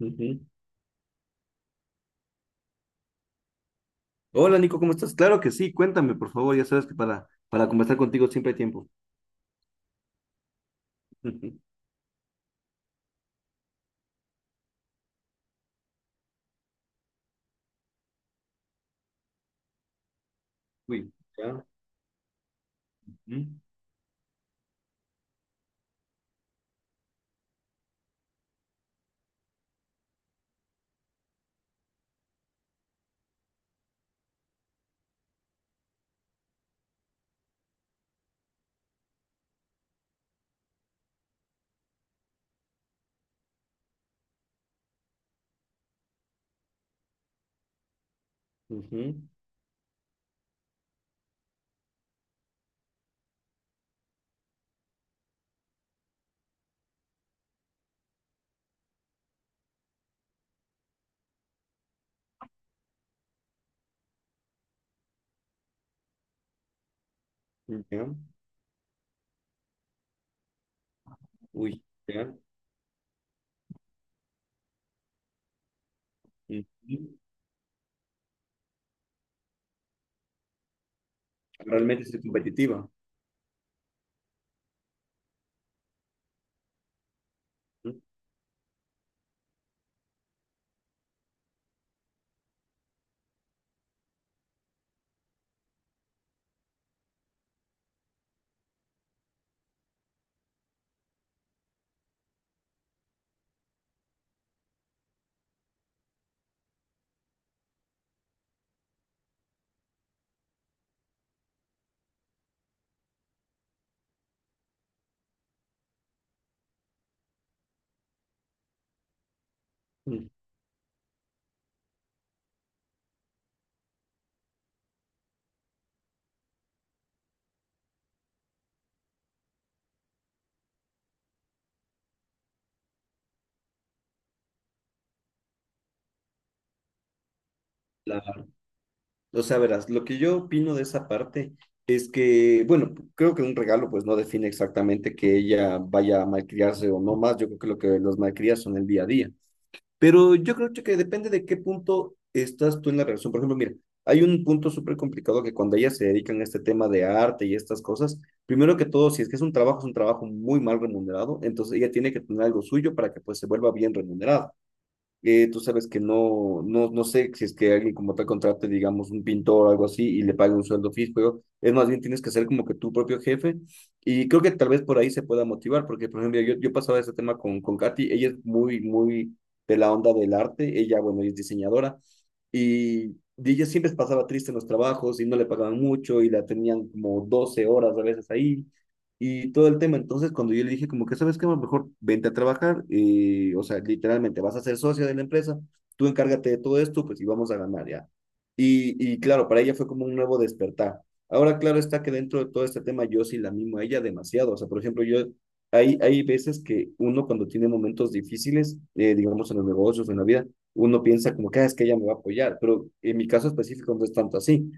Ujú. Hola Nico, ¿cómo estás? Claro que sí, cuéntame por favor, ya sabes que para conversar contigo siempre hay tiempo. Ujú. Uy, ya. Ujú, ujú, ya, Uy, ya. Ujú. Realmente es competitiva. Ujú, ujú. Claro. O sea, verás, lo que yo opino de esa parte es que, bueno, creo que un regalo pues no define exactamente que ella vaya a malcriarse o no más, yo creo que lo que los malcrías son el día a día. Pero yo creo que depende de qué punto estás tú en la relación. Por ejemplo, mira, hay un punto súper complicado que cuando ellas se dedican a este tema de arte y estas cosas, primero que todo, si es que es un trabajo muy mal remunerado, entonces ella tiene que tener algo suyo para que pues se vuelva bien remunerado tú sabes que no, no, no sé si es que alguien como tal contrate, digamos, un pintor o algo así y le pague un sueldo fijo, pero es más bien tienes que ser como que tu propio jefe y creo que tal vez por ahí se pueda motivar, porque por ejemplo, yo pasaba ese tema con Katy, ella es muy, muy de la onda del arte, ella, bueno, ella es diseñadora y ella siempre pasaba triste en los trabajos y no le pagaban mucho y la tenían como 12 horas a veces ahí y todo el tema. Entonces, cuando yo le dije como que, ¿sabes qué? Mejor vente a trabajar y, o sea, literalmente vas a ser socia de la empresa, tú encárgate de todo esto, pues y vamos a ganar ya. Y claro, para ella fue como un nuevo despertar. Ahora, claro está que dentro de todo este tema yo sí la mimo a ella demasiado. O sea, por ejemplo, yo, hay veces que uno cuando tiene momentos difíciles, digamos en los negocios, en la vida, uno piensa como que "Ah, es que ella me va a apoyar, pero en mi caso específico no es tanto así.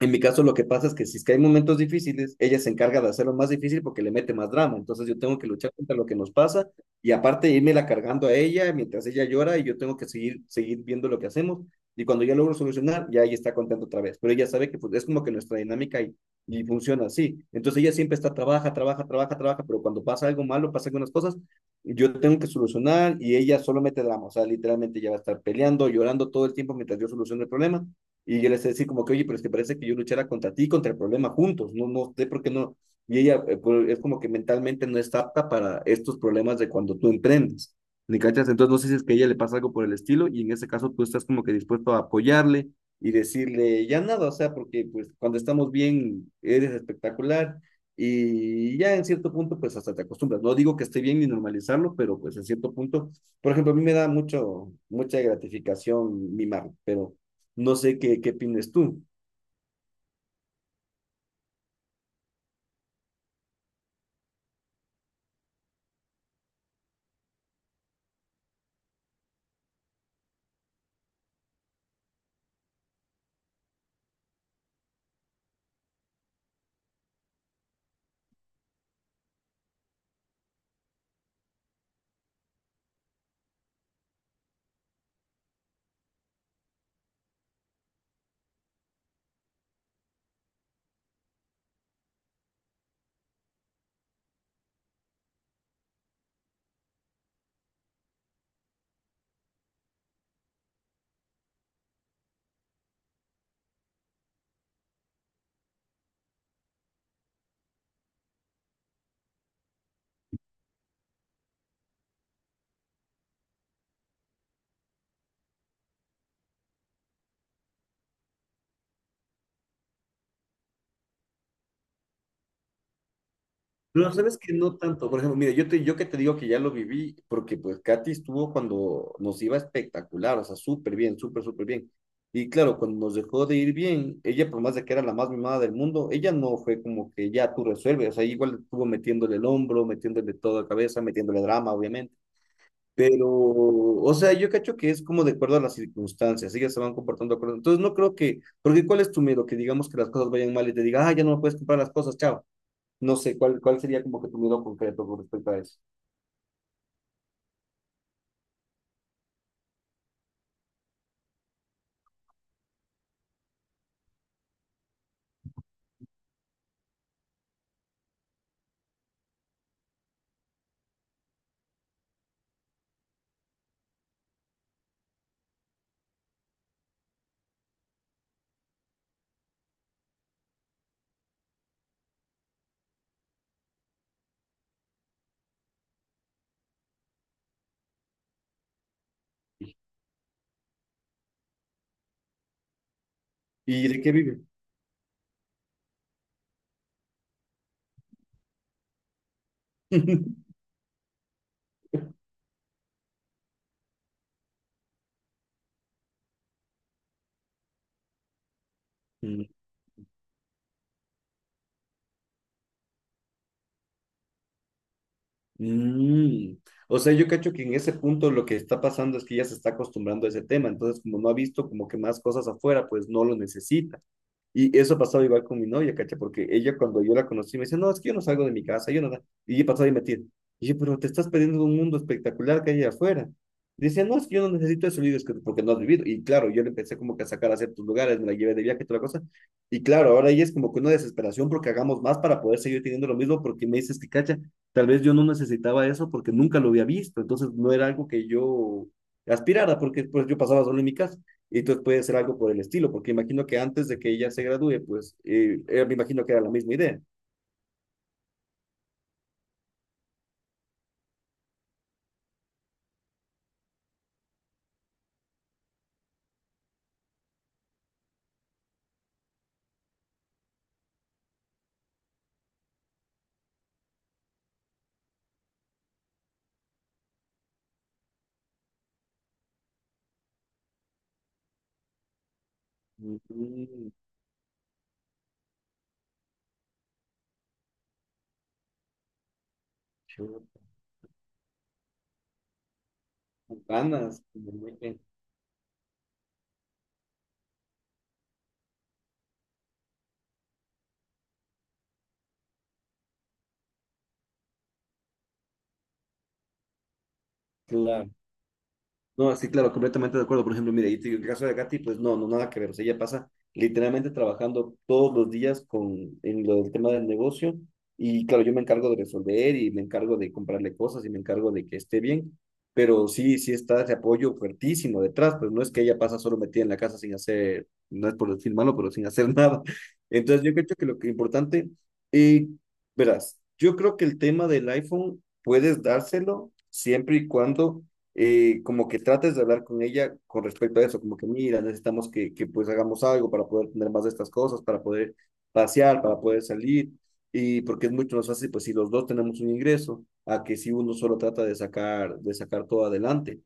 En mi caso, lo que pasa es que si es que hay momentos difíciles, ella se encarga de hacerlo más difícil porque le mete más drama. Entonces yo tengo que luchar contra lo que nos pasa y aparte la cargando a ella mientras ella llora y yo tengo que seguir, seguir viendo lo que hacemos. Y cuando ya logro solucionar, ya ella está contenta otra vez. Pero ella sabe que pues, es como que nuestra dinámica y funciona así. Entonces ella siempre está, trabaja, trabaja, trabaja, trabaja, pero cuando pasa algo malo, pasa algunas cosas, yo tengo que solucionar y ella solo mete drama. O sea, literalmente ella va a estar peleando, llorando todo el tiempo mientras yo soluciono el problema y yo les decía como que, oye, pero es que parece que yo luchara contra ti y contra el problema juntos, no, no sé por qué no. Y ella pues, es como que mentalmente no está apta para estos problemas de cuando tú emprendes. ¿Me cachas? Entonces no sé si es que a ella le pasa algo por el estilo y en ese caso tú estás como que dispuesto a apoyarle y decirle, ya nada, o sea, porque pues cuando estamos bien eres espectacular y ya en cierto punto pues hasta te acostumbras. No digo que esté bien ni normalizarlo, pero pues en cierto punto, por ejemplo, a mí me da mucho, mucha gratificación mimar, pero no sé qué, qué opinas tú. No, sabes que no tanto. Por ejemplo, mira, yo te, yo que te digo que ya lo viví, porque pues Katy estuvo cuando nos iba espectacular, o sea, súper bien, súper, súper bien. Y claro, cuando nos dejó de ir bien, ella, por más de que era la más mimada del mundo, ella no fue como que ya tú resuelves, o sea, igual estuvo metiéndole el hombro, metiéndole toda la cabeza, metiéndole drama, obviamente. Pero, o sea, yo cacho que es como de acuerdo a las circunstancias, ellas se van comportando de acuerdo. Entonces, no creo que, porque ¿cuál es tu miedo? Que digamos que las cosas vayan mal y te diga, ah, ya no me puedes comprar las cosas, chao. No sé, ¿cuál sería como que tu miedo concreto con respecto a eso? ¿Y de qué vive? Mm, mm. O sea, yo cacho que en ese punto lo que está pasando es que ya se está acostumbrando a ese tema, entonces como no ha visto como que más cosas afuera, pues no lo necesita. Y eso ha pasado igual con mi novia, ¿cacha? Porque ella cuando yo la conocí me dice, no, es que yo no salgo de mi casa, yo no... da-". Y yo he pasado y mentir Y yo, pero te estás perdiendo de un mundo espectacular que hay allá afuera. Dice, no, es que yo no necesito eso, le digo, "Es que porque no has vivido. Y claro, yo le empecé como que a sacar a ciertos lugares, me la llevé de viaje y toda la cosa. Y claro, ahora ella es como que una desesperación porque hagamos más para poder seguir teniendo lo mismo, porque me dices que, cacha, tal vez yo no necesitaba eso porque nunca lo había visto, entonces no era algo que yo aspirara, porque pues yo pasaba solo en mi casa y entonces puede ser algo por el estilo, porque imagino que antes de que ella se gradúe, pues me imagino que era la misma idea. Mm, chuta, con ganas. Como muy bien. No, sí, claro, completamente de acuerdo. Por ejemplo, mire, y te digo, el caso de Katy, pues no, no, nada que ver. O sea, ella pasa literalmente trabajando todos los días con, en lo del tema del negocio. Y claro, yo me encargo de resolver y me encargo de comprarle cosas y me encargo de que esté bien. Pero sí, sí está ese apoyo fuertísimo detrás. Pues no es que ella pasa solo metida en la casa sin hacer, no es por decir malo, pero sin hacer nada. Entonces, yo creo que lo que es importante, y verás, yo creo que el tema del iPhone puedes dárselo siempre y cuando como que trates de hablar con ella con respecto a eso, como que mira, necesitamos que, pues hagamos algo para poder tener más de estas cosas, para poder pasear, para poder salir, y porque es mucho más fácil, pues si los dos tenemos un ingreso, a que si uno solo trata de sacar todo adelante.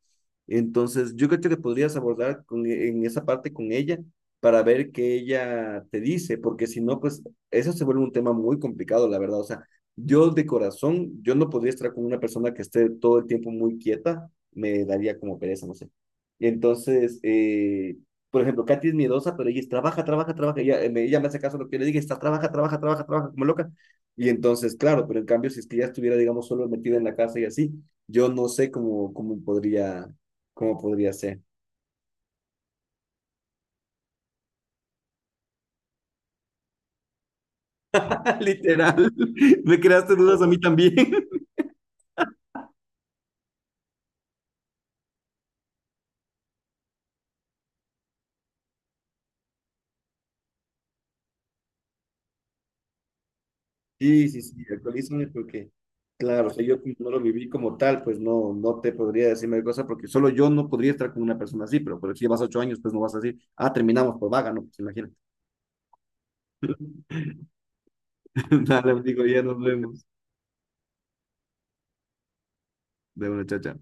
Entonces, yo creo que podrías abordar con, en esa parte con ella para ver qué ella te dice, porque si no, pues eso se vuelve un tema muy complicado, la verdad. O sea, yo de corazón, yo no podría estar con una persona que esté todo el tiempo muy quieta, me daría como pereza, no sé. Entonces, por ejemplo, Katy es miedosa, pero ella es, trabaja, trabaja, trabaja. Ella, ella me hace caso a lo que yo le dije, está, trabaja, trabaja, trabaja, trabaja como loca. Y entonces, claro, pero en cambio, si es que ella estuviera, digamos, solo metida en la casa y así, yo no sé cómo podría, cómo, podría ser. Literal, me creaste dudas a mí también. Sí, sí, sí, actualízame porque, claro, o sea, yo como no lo viví como tal, pues no, no te podría decir mayor cosa porque solo yo no podría estar con una persona así, pero, si llevas 8 años, pues no vas a decir, ah, terminamos, por vaga, no, pues imagínate. Dale, digo, ya nos vemos. De una chacha.